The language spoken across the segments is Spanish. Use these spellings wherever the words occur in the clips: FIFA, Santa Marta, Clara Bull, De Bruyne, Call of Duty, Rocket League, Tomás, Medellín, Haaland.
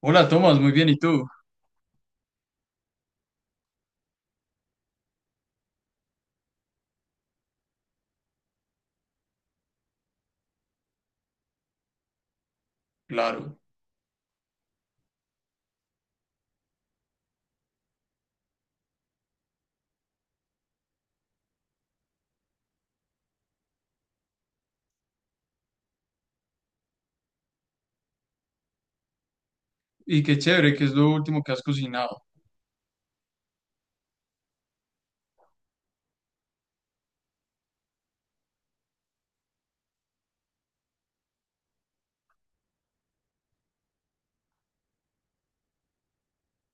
Hola Tomás, muy bien, ¿y tú? Claro. Y qué chévere, ¿que es lo último que has cocinado?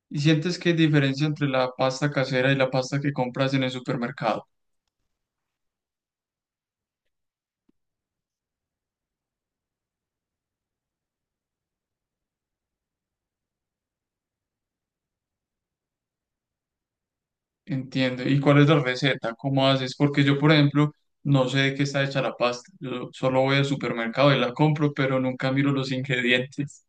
¿Y sientes que hay diferencia entre la pasta casera y la pasta que compras en el supermercado? Entiendo. ¿Y cuál es la receta? ¿Cómo haces? Porque yo, por ejemplo, no sé de qué está hecha la pasta. Yo solo voy al supermercado y la compro, pero nunca miro los ingredientes.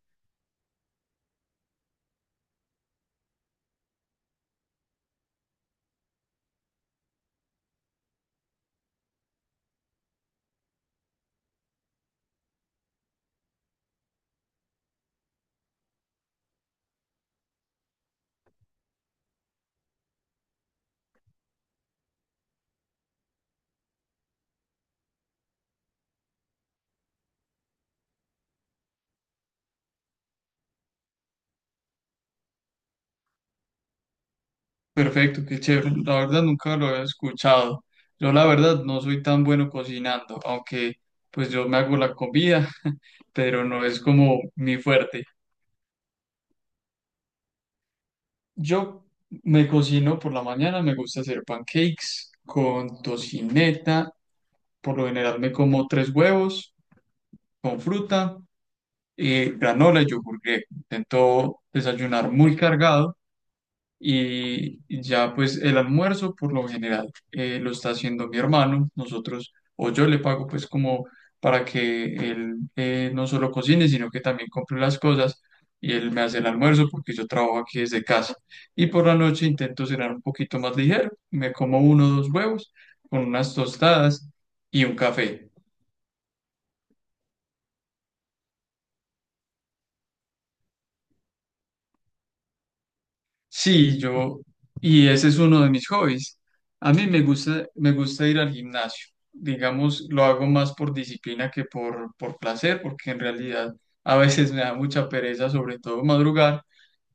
Perfecto, qué chévere. La verdad nunca lo había escuchado. Yo la verdad no soy tan bueno cocinando, aunque pues yo me hago la comida, pero no es como mi fuerte. Yo me cocino por la mañana, me gusta hacer pancakes con tocineta, por lo general me como tres huevos con fruta, granola y yogur griego. Intento desayunar muy cargado y ya pues el almuerzo por lo general lo está haciendo mi hermano, nosotros, o yo le pago pues como para que él no solo cocine, sino que también compre las cosas y él me hace el almuerzo porque yo trabajo aquí desde casa. Y por la noche intento cenar un poquito más ligero, me como uno o dos huevos con unas tostadas y un café. Sí, yo, y ese es uno de mis hobbies. A mí me gusta ir al gimnasio. Digamos, lo hago más por disciplina que por placer, porque en realidad a veces me da mucha pereza, sobre todo madrugar,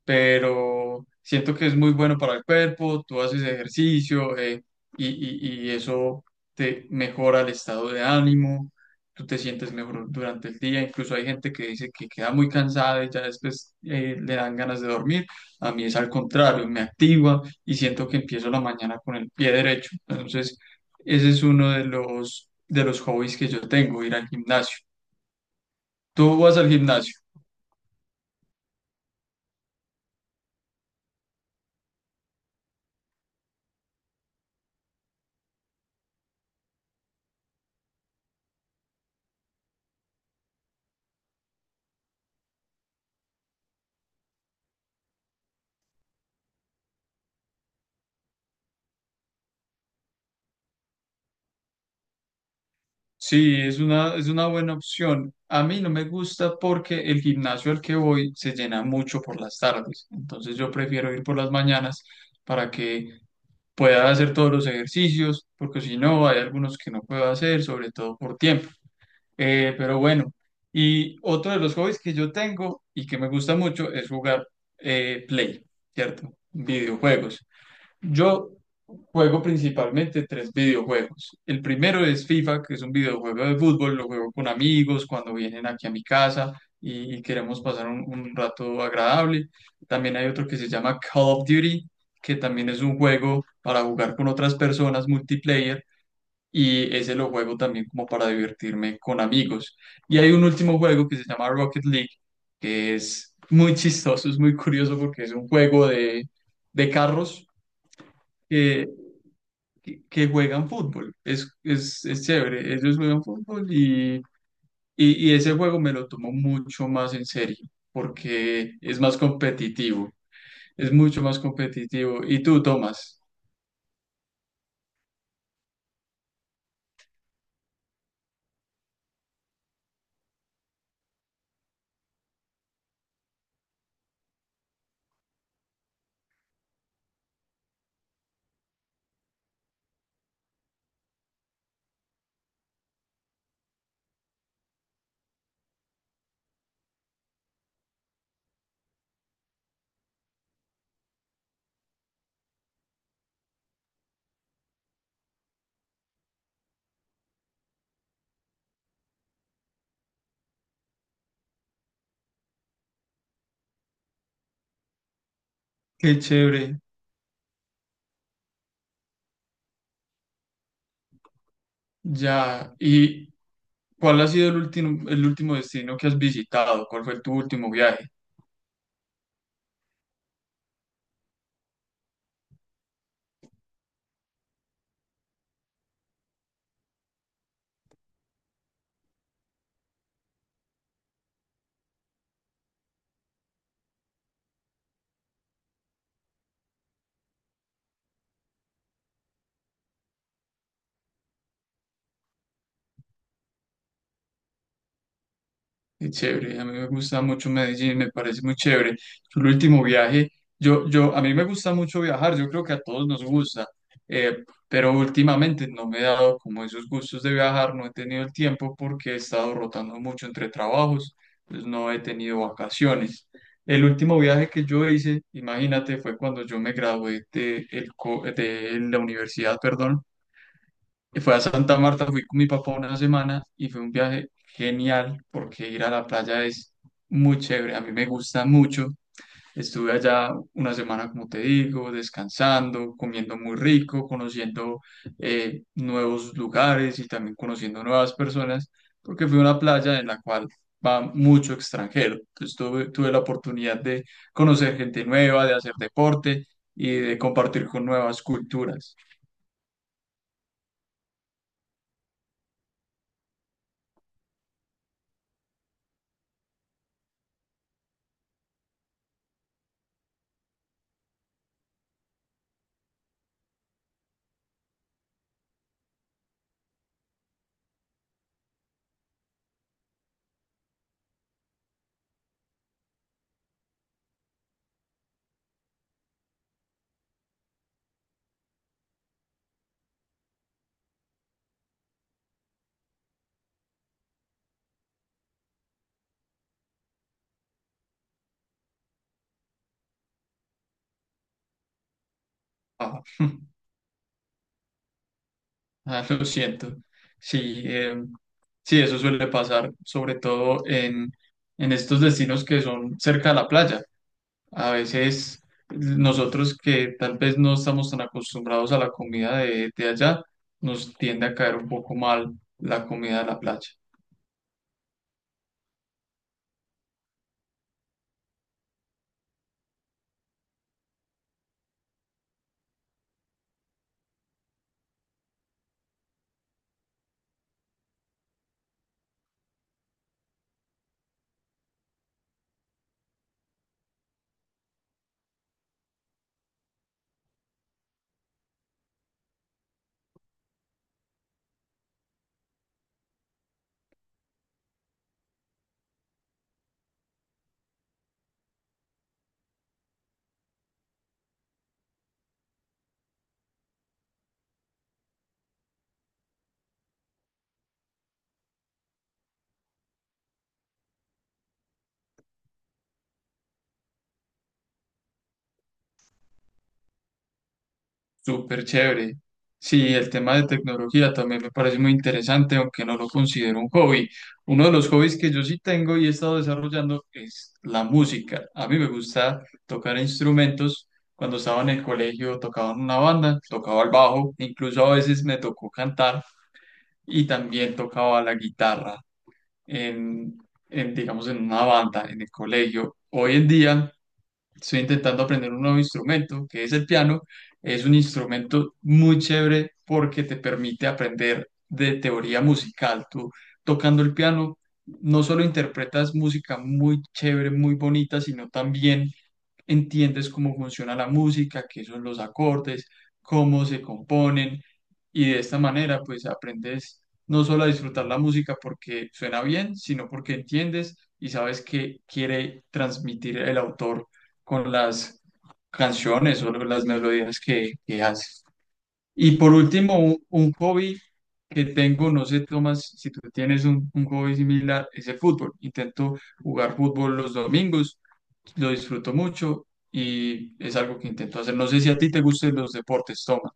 pero siento que es muy bueno para el cuerpo. Tú haces ejercicio y eso te mejora el estado de ánimo, tú te sientes mejor durante el día, incluso hay gente que dice que queda muy cansada y ya después le dan ganas de dormir, a mí es al contrario, me activa y siento que empiezo la mañana con el pie derecho. Entonces ese es uno de los hobbies que yo tengo, ir al gimnasio. ¿Tú vas al gimnasio? Sí, es una buena opción. A mí no me gusta porque el gimnasio al que voy se llena mucho por las tardes. Entonces yo prefiero ir por las mañanas para que pueda hacer todos los ejercicios, porque si no, hay algunos que no puedo hacer, sobre todo por tiempo. Pero bueno, y otro de los hobbies que yo tengo y que me gusta mucho es jugar Play, ¿cierto? Videojuegos. Yo juego principalmente tres videojuegos. El primero es FIFA, que es un videojuego de fútbol, lo juego con amigos cuando vienen aquí a mi casa y, queremos pasar un rato agradable. También hay otro que se llama Call of Duty, que también es un juego para jugar con otras personas, multiplayer, y ese lo juego también como para divertirme con amigos. Y hay un último juego que se llama Rocket League, que es muy chistoso, es muy curioso porque es un juego de carros que que juegan fútbol. Es chévere, ellos juegan fútbol y ese juego me lo tomo mucho más en serio porque es más competitivo, es mucho más competitivo. Y tú, Tomás, qué chévere, ya. ¿Y cuál ha sido el último destino que has visitado? ¿Cuál fue tu último viaje? Qué chévere, a mí me gusta mucho Medellín, me parece muy chévere. Yo el último viaje, yo, a mí me gusta mucho viajar, yo creo que a todos nos gusta, pero últimamente no me he dado como esos gustos de viajar, no he tenido el tiempo porque he estado rotando mucho entre trabajos, pues no he tenido vacaciones. El último viaje que yo hice, imagínate, fue cuando yo me gradué de, el de la universidad, perdón, y fue a Santa Marta, fui con mi papá una semana y fue un viaje genial porque ir a la playa es muy chévere, a mí me gusta mucho. Estuve allá una semana, como te digo, descansando, comiendo muy rico, conociendo nuevos lugares y también conociendo nuevas personas, porque fue una playa en la cual va mucho extranjero. Entonces tuve la oportunidad de conocer gente nueva, de hacer deporte y de compartir con nuevas culturas. Ah. Ah, lo siento. Sí, sí, eso suele pasar, sobre todo en estos destinos que son cerca de la playa. A veces nosotros, que tal vez no estamos tan acostumbrados a la comida de allá, nos tiende a caer un poco mal la comida de la playa. Súper chévere. Sí, el tema de tecnología también me parece muy interesante, aunque no lo considero un hobby. Uno de los hobbies que yo sí tengo y he estado desarrollando es la música. A mí me gusta tocar instrumentos. Cuando estaba en el colegio tocaba en una banda, tocaba el bajo, incluso a veces me tocó cantar y también tocaba la guitarra en, en digamos, en una banda en el colegio. Hoy en día estoy intentando aprender un nuevo instrumento, que es el piano. Es un instrumento muy chévere porque te permite aprender de teoría musical. Tú tocando el piano no solo interpretas música muy chévere, muy bonita, sino también entiendes cómo funciona la música, qué son los acordes, cómo se componen y de esta manera pues aprendes no solo a disfrutar la música porque suena bien, sino porque entiendes y sabes qué quiere transmitir el autor con las canciones o las melodías que hace. Y por último, un hobby que tengo, no sé, Tomás, si tú tienes un hobby similar, es el fútbol. Intento jugar fútbol los domingos, lo disfruto mucho y es algo que intento hacer. No sé si a ti te gusten los deportes, Tomás.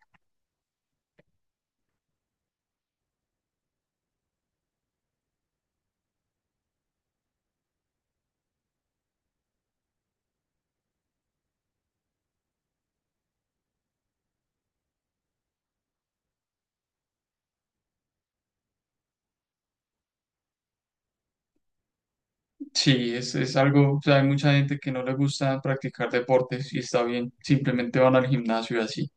Sí, es algo, o sea, hay mucha gente que no le gusta practicar deportes y está bien, simplemente van al gimnasio y así.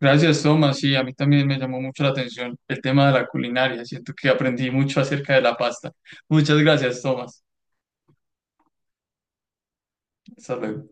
Gracias, Tomás. Sí, a mí también me llamó mucho la atención el tema de la culinaria. Siento que aprendí mucho acerca de la pasta. Muchas gracias, Tomás. Hasta luego.